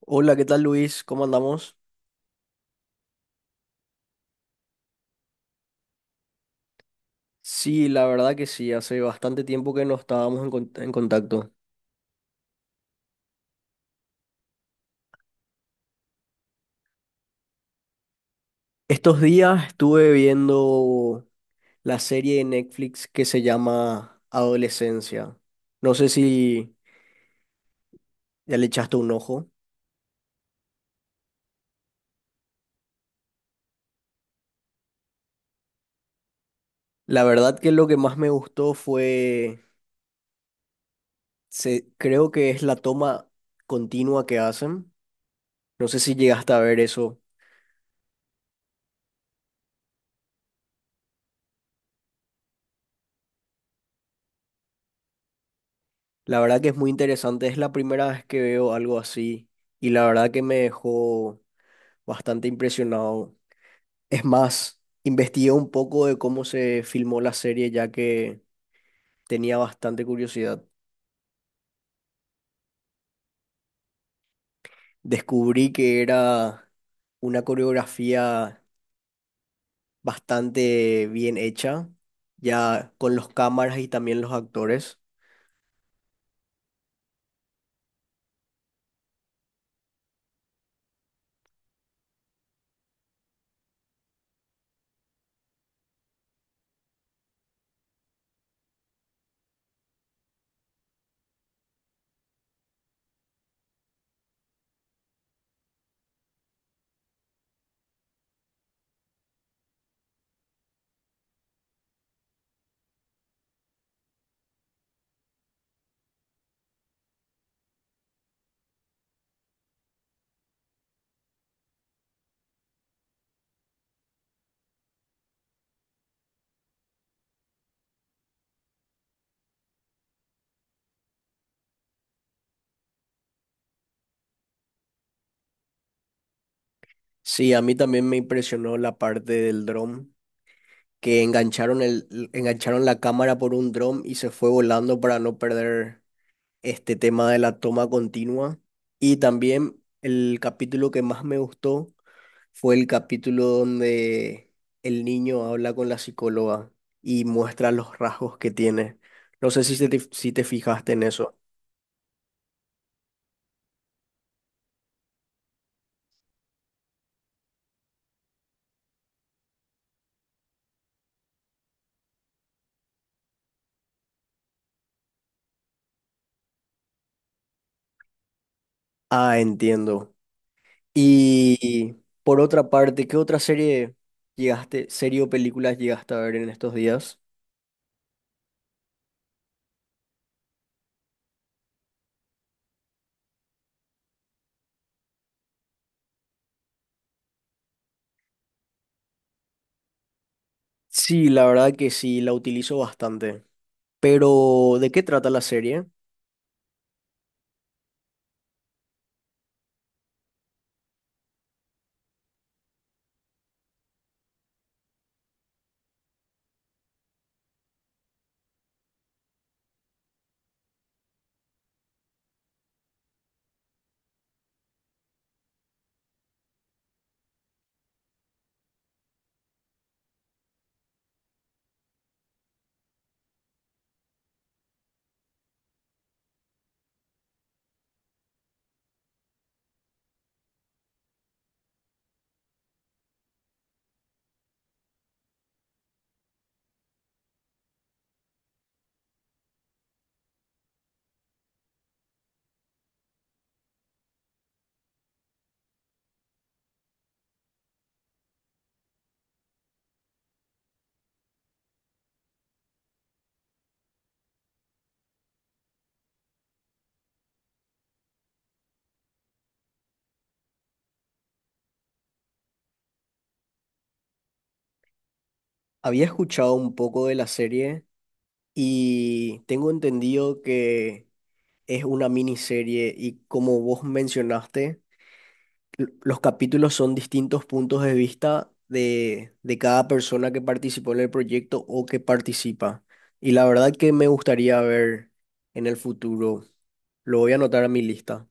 Hola, ¿qué tal Luis? ¿Cómo andamos? Sí, la verdad que sí, hace bastante tiempo que no estábamos en contacto. Estos días estuve viendo la serie de Netflix que se llama Adolescencia. No sé si ya le echaste un ojo. La verdad que lo que más me gustó creo que es la toma continua que hacen. No sé si llegaste a ver eso. La verdad que es muy interesante, es la primera vez que veo algo así y la verdad que me dejó bastante impresionado. Es más, investigué un poco de cómo se filmó la serie ya que tenía bastante curiosidad. Descubrí que era una coreografía bastante bien hecha, ya con los cámaras y también los actores. Sí, a mí también me impresionó la parte del dron, que engancharon la cámara por un dron y se fue volando para no perder este tema de la toma continua. Y también el capítulo que más me gustó fue el capítulo donde el niño habla con la psicóloga y muestra los rasgos que tiene. No sé si te fijaste en eso. Ah, entiendo. Y por otra parte, ¿qué serie o películas llegaste a ver en estos días? Sí, la verdad que sí, la utilizo bastante. Pero, ¿de qué trata la serie? Había escuchado un poco de la serie, y tengo entendido que es una miniserie y, como vos mencionaste, los capítulos son distintos puntos de vista de cada persona que participó en el proyecto o que participa. Y la verdad que me gustaría ver en el futuro. Lo voy a anotar a mi lista.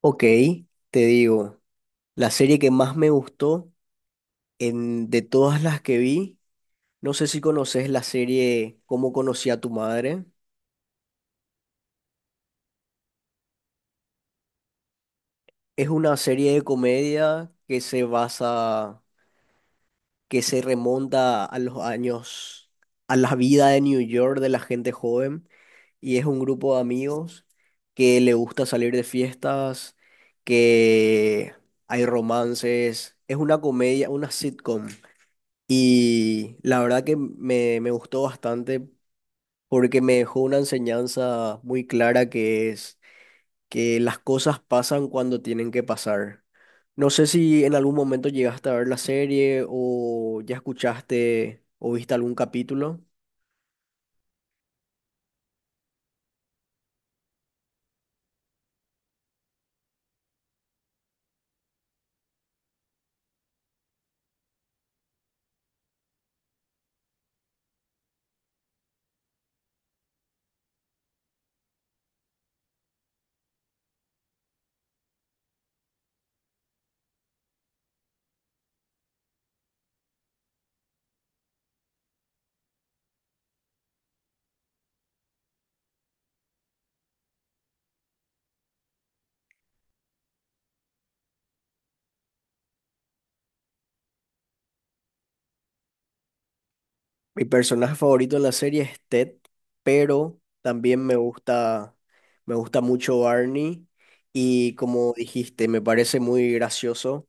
Ok, te digo, la serie que más me gustó de todas las que vi, no sé si conoces la serie Cómo conocí a tu madre. Es una serie de comedia que se basa, que se remonta a los años, a la vida de New York de la gente joven, y es un grupo de amigos que le gusta salir de fiestas, que hay romances, es una comedia, una sitcom, y la verdad que me gustó bastante porque me dejó una enseñanza muy clara, que es que las cosas pasan cuando tienen que pasar. No sé si en algún momento llegaste a ver la serie o ya escuchaste o viste algún capítulo. Mi personaje favorito en la serie es Ted, pero también me gusta mucho Barney y, como dijiste, me parece muy gracioso.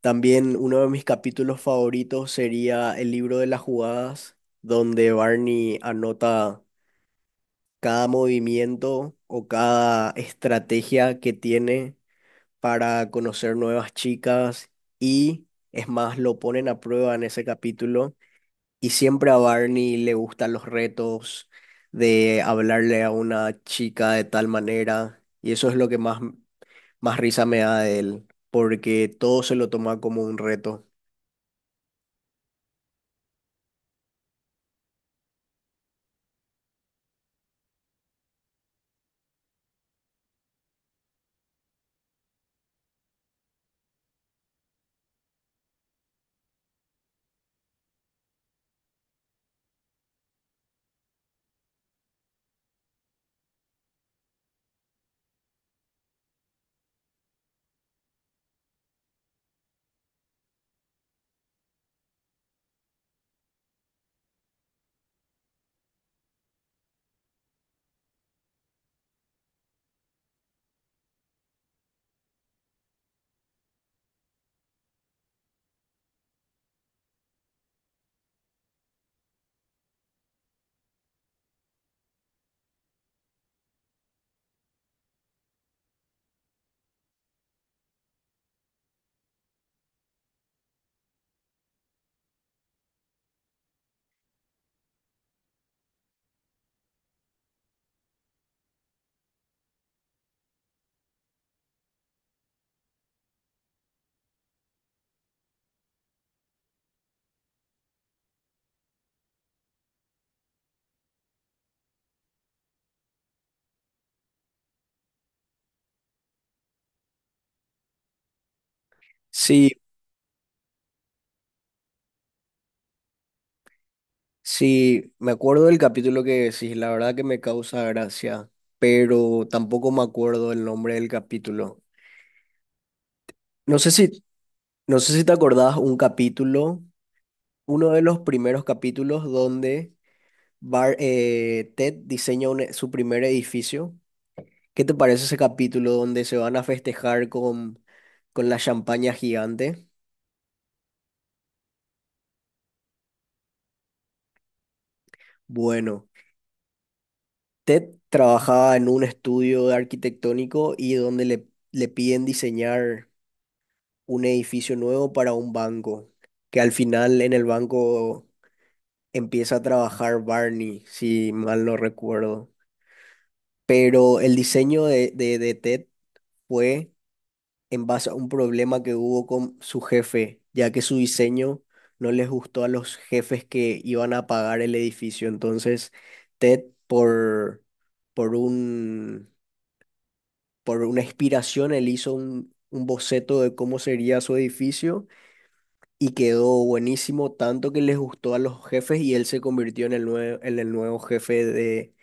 También uno de mis capítulos favoritos sería el libro de las jugadas, donde Barney anota cada movimiento o cada estrategia que tiene para conocer nuevas chicas, y es más, lo ponen a prueba en ese capítulo, y siempre a Barney le gustan los retos de hablarle a una chica de tal manera, y eso es lo que más risa me da de él, porque todo se lo toma como un reto. Sí, sí, me acuerdo del capítulo que decís, la verdad que me causa gracia, pero tampoco me acuerdo el nombre del capítulo. No sé no sé si te acordás un capítulo, uno de los primeros capítulos donde Ted diseña su primer edificio. ¿Qué te parece ese capítulo donde se van a festejar con la champaña gigante? Bueno, Ted trabajaba en un estudio de arquitectónico y donde le piden diseñar un edificio nuevo para un banco, que al final en el banco empieza a trabajar Barney, si mal no recuerdo. Pero el diseño de Ted fue en base a un problema que hubo con su jefe, ya que su diseño no les gustó a los jefes que iban a pagar el edificio. Entonces, Ted, por un, por una inspiración, él hizo un boceto de cómo sería su edificio, y quedó buenísimo, tanto que les gustó a los jefes y él se convirtió en el en el nuevo jefe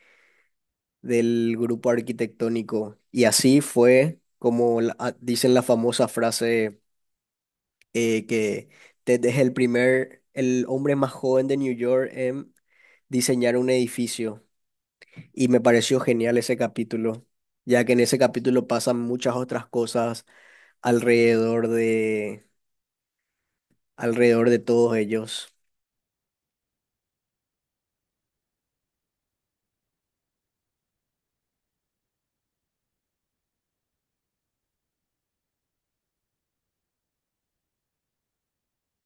del grupo arquitectónico. Y así fue como dicen la famosa frase. Eh, que Ted es el hombre más joven de New York en diseñar un edificio. Y me pareció genial ese capítulo, ya que en ese capítulo pasan muchas otras cosas alrededor de, alrededor de todos ellos.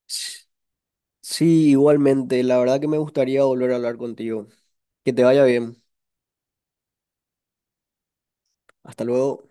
S- Sí, igualmente, la verdad que me gustaría volver a hablar contigo. Que te vaya bien. Hasta luego.